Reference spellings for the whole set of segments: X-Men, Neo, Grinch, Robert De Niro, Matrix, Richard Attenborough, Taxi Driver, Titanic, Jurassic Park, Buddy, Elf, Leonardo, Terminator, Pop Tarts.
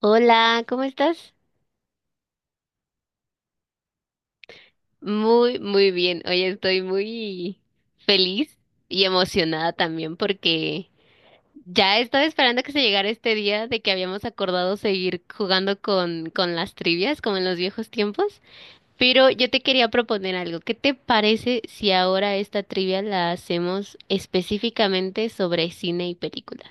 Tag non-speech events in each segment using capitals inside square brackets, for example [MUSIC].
Hola, ¿cómo estás? Muy, muy bien. Hoy estoy muy feliz y emocionada también porque ya estaba esperando que se llegara este día de que habíamos acordado seguir jugando con las trivias como en los viejos tiempos. Pero yo te quería proponer algo. ¿Qué te parece si ahora esta trivia la hacemos específicamente sobre cine y películas?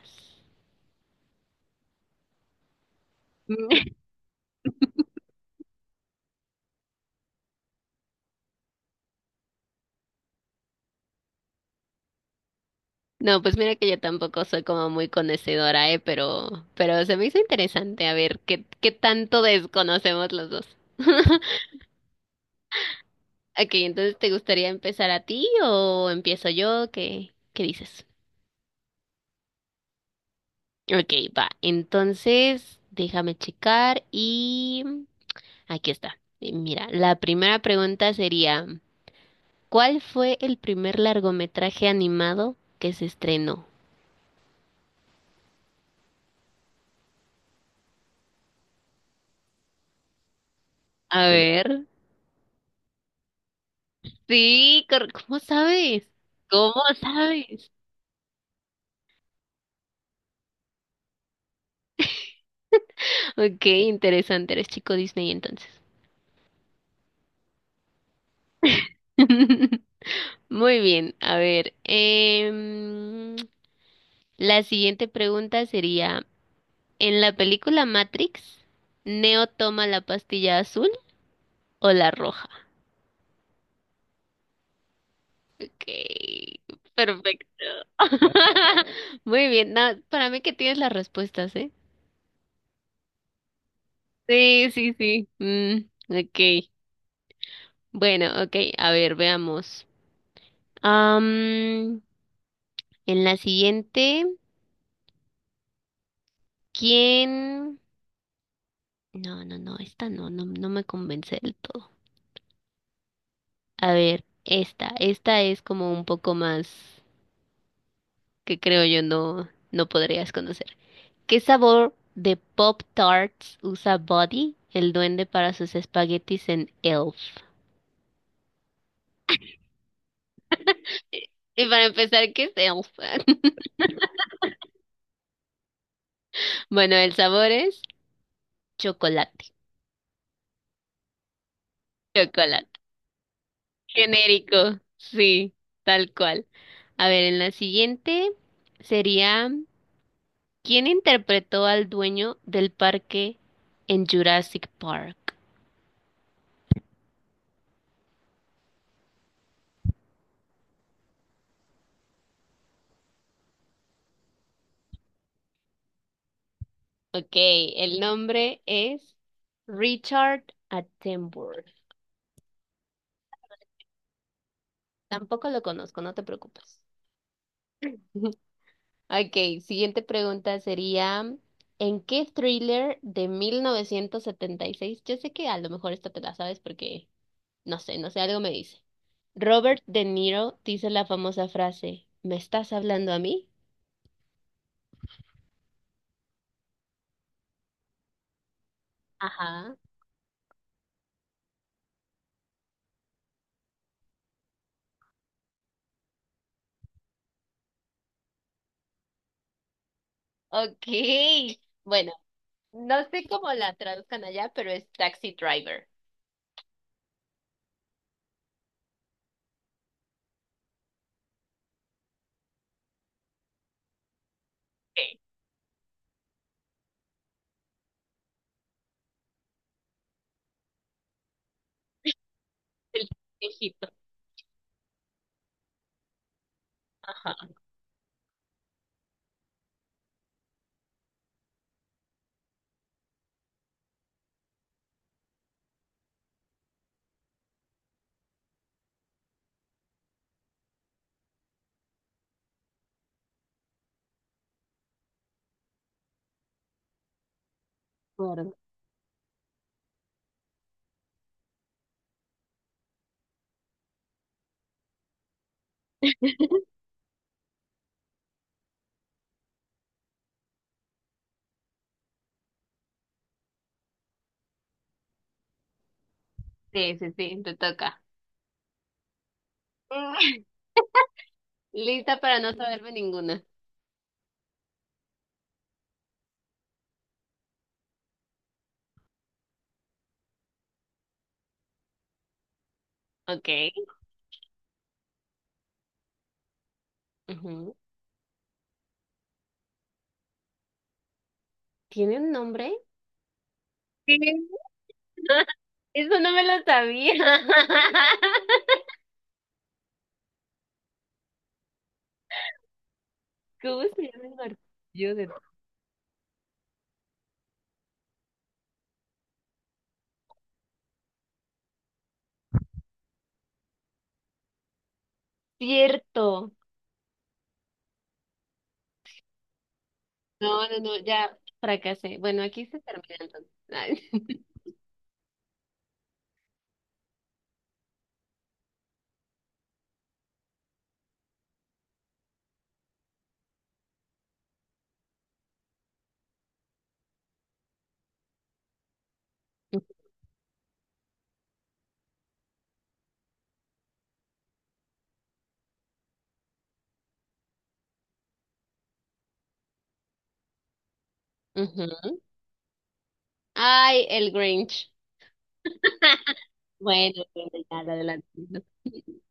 No, pues mira que yo tampoco soy como muy conocedora, ¿eh? Pero se me hizo interesante a ver qué tanto desconocemos los dos. Ok, entonces ¿te gustaría empezar a ti o empiezo yo? ¿ qué dices? Ok, va. Entonces, déjame checar y aquí está. Mira, la primera pregunta sería, ¿cuál fue el primer largometraje animado que se estrenó? A ver. Sí, ¿cómo sabes? ¿Cómo sabes? Ok, interesante, eres chico Disney entonces. [LAUGHS] Muy bien, a ver. La siguiente pregunta sería, ¿en la película Matrix, Neo toma la pastilla azul o la roja? Ok, perfecto. [LAUGHS] Muy bien, no, para mí que tienes las respuestas, ¿eh? Sí, sí, sí. Ok, bueno, ok, a ver, veamos. Am, en la siguiente, ¿quién? No, no, no, esta no, no me convence del todo. A ver, esta es como un poco más que creo yo no podrías conocer. ¿Qué sabor de Pop Tarts usa Buddy, el duende, para sus espaguetis en Elf? Y para empezar, ¿qué es Elf? [LAUGHS] Bueno, el sabor es chocolate. Chocolate. Genérico. Sí, tal cual. A ver, en la siguiente sería. ¿Quién interpretó al dueño del parque en Jurassic Park? Ok, el nombre es Richard Attenborough. Tampoco lo conozco, no te preocupes. [LAUGHS] Ok, siguiente pregunta sería, ¿en qué thriller de 1976? Yo sé que a lo mejor esta te la sabes porque, no sé, algo me dice. Robert De Niro dice la famosa frase, ¿me estás hablando a mí? Ajá. Ok. Bueno, no sé cómo la traduzcan allá, pero es Taxi Driver. Ok, el viejito. Ajá. Claro. Sí, sí, sí, te toca. [LAUGHS] Lista para no saberme ninguna. Ok. Ujú. ¿Tiene un nombre? Sí. [LAUGHS] Eso no me lo sabía. [LAUGHS] ¿Cómo se llama el martillo de... Cierto. No, no, no, ya fracasé. Bueno, aquí se termina entonces. Ay, [LAUGHS] Ujú. Ay, el Grinch. Bueno, bueno, ya la adelanté. [LAUGHS]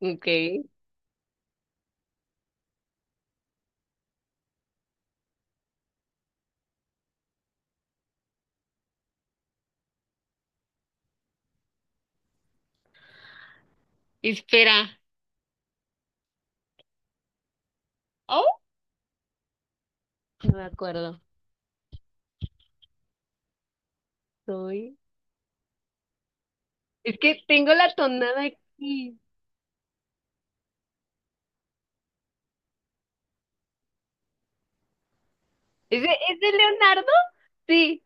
Ok. Espera. Oh, no me acuerdo. Soy. Es que tengo la tonada aquí. Es de Leonardo? Sí,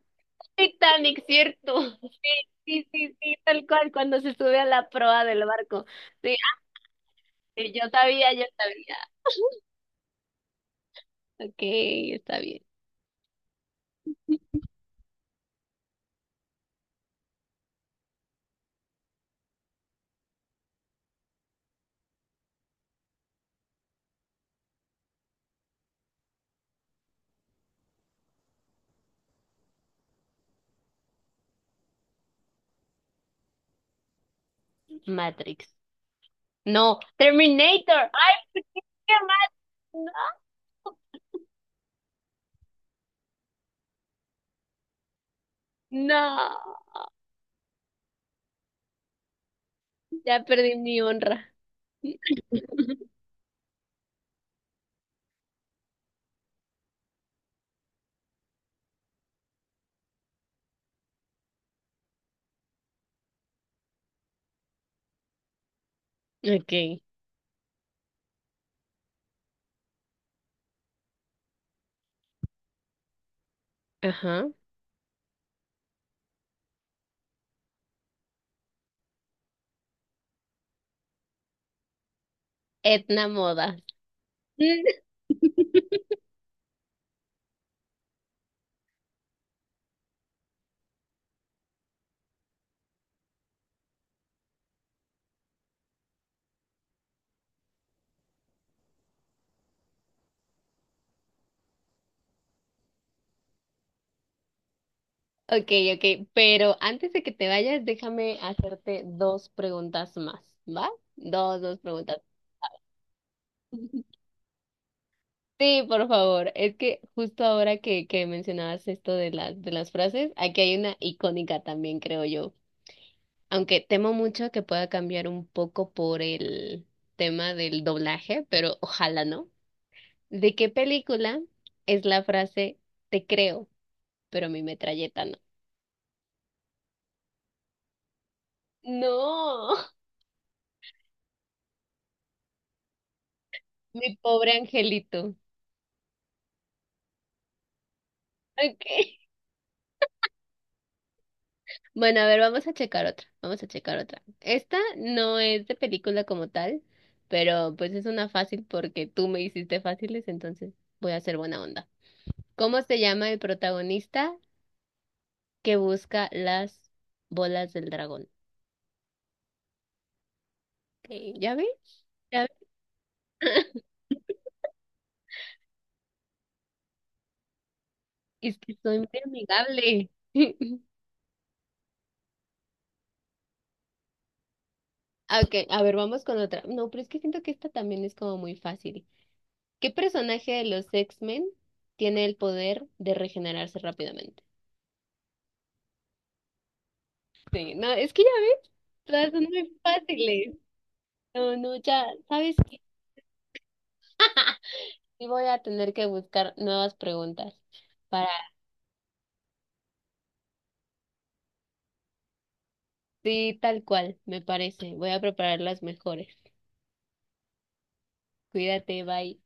Titanic, ¿cierto? [LAUGHS] Sí, sí, sí, sí, tal cual, cuando se sube a la proa del barco. Sí, ah, yo sabía, yo sabía. Ok, está bien. Matrix. No, Terminator. Ay, ¿por qué qué mal? No, no. Ya perdí mi honra. [LAUGHS] Ok. Ajá. Etna Moda. Ok, ok, pero antes de que te vayas, déjame hacerte dos preguntas más, ¿va? Dos, dos preguntas. [LAUGHS] Sí, por favor. Es que justo ahora que mencionabas esto de de las frases, aquí hay una icónica también, creo yo. Aunque temo mucho que pueda cambiar un poco por el tema del doblaje, pero ojalá no. ¿De qué película es la frase te creo, pero mi metralleta no? No, [LAUGHS] mi pobre angelito. Ok. Bueno, a ver, vamos a checar otra, vamos a checar otra. Esta no es de película como tal, pero pues es una fácil porque tú me hiciste fáciles, entonces voy a hacer buena onda. ¿Cómo se llama el protagonista que busca las bolas del dragón? Ok, ¿ya ves? ¿Ya ves? Es que soy muy amigable. [LAUGHS] Okay, a ver, vamos con otra. No, pero es que siento que esta también es como muy fácil. ¿Qué personaje de los X-Men tiene el poder de regenerarse rápidamente? Sí, no, es que ya ves, todas son muy fáciles. No, no, ya, ¿sabes qué? [LAUGHS] ¡Ja! Y voy a tener que buscar nuevas preguntas para... Sí, tal cual, me parece. Voy a preparar las mejores. Cuídate, bye.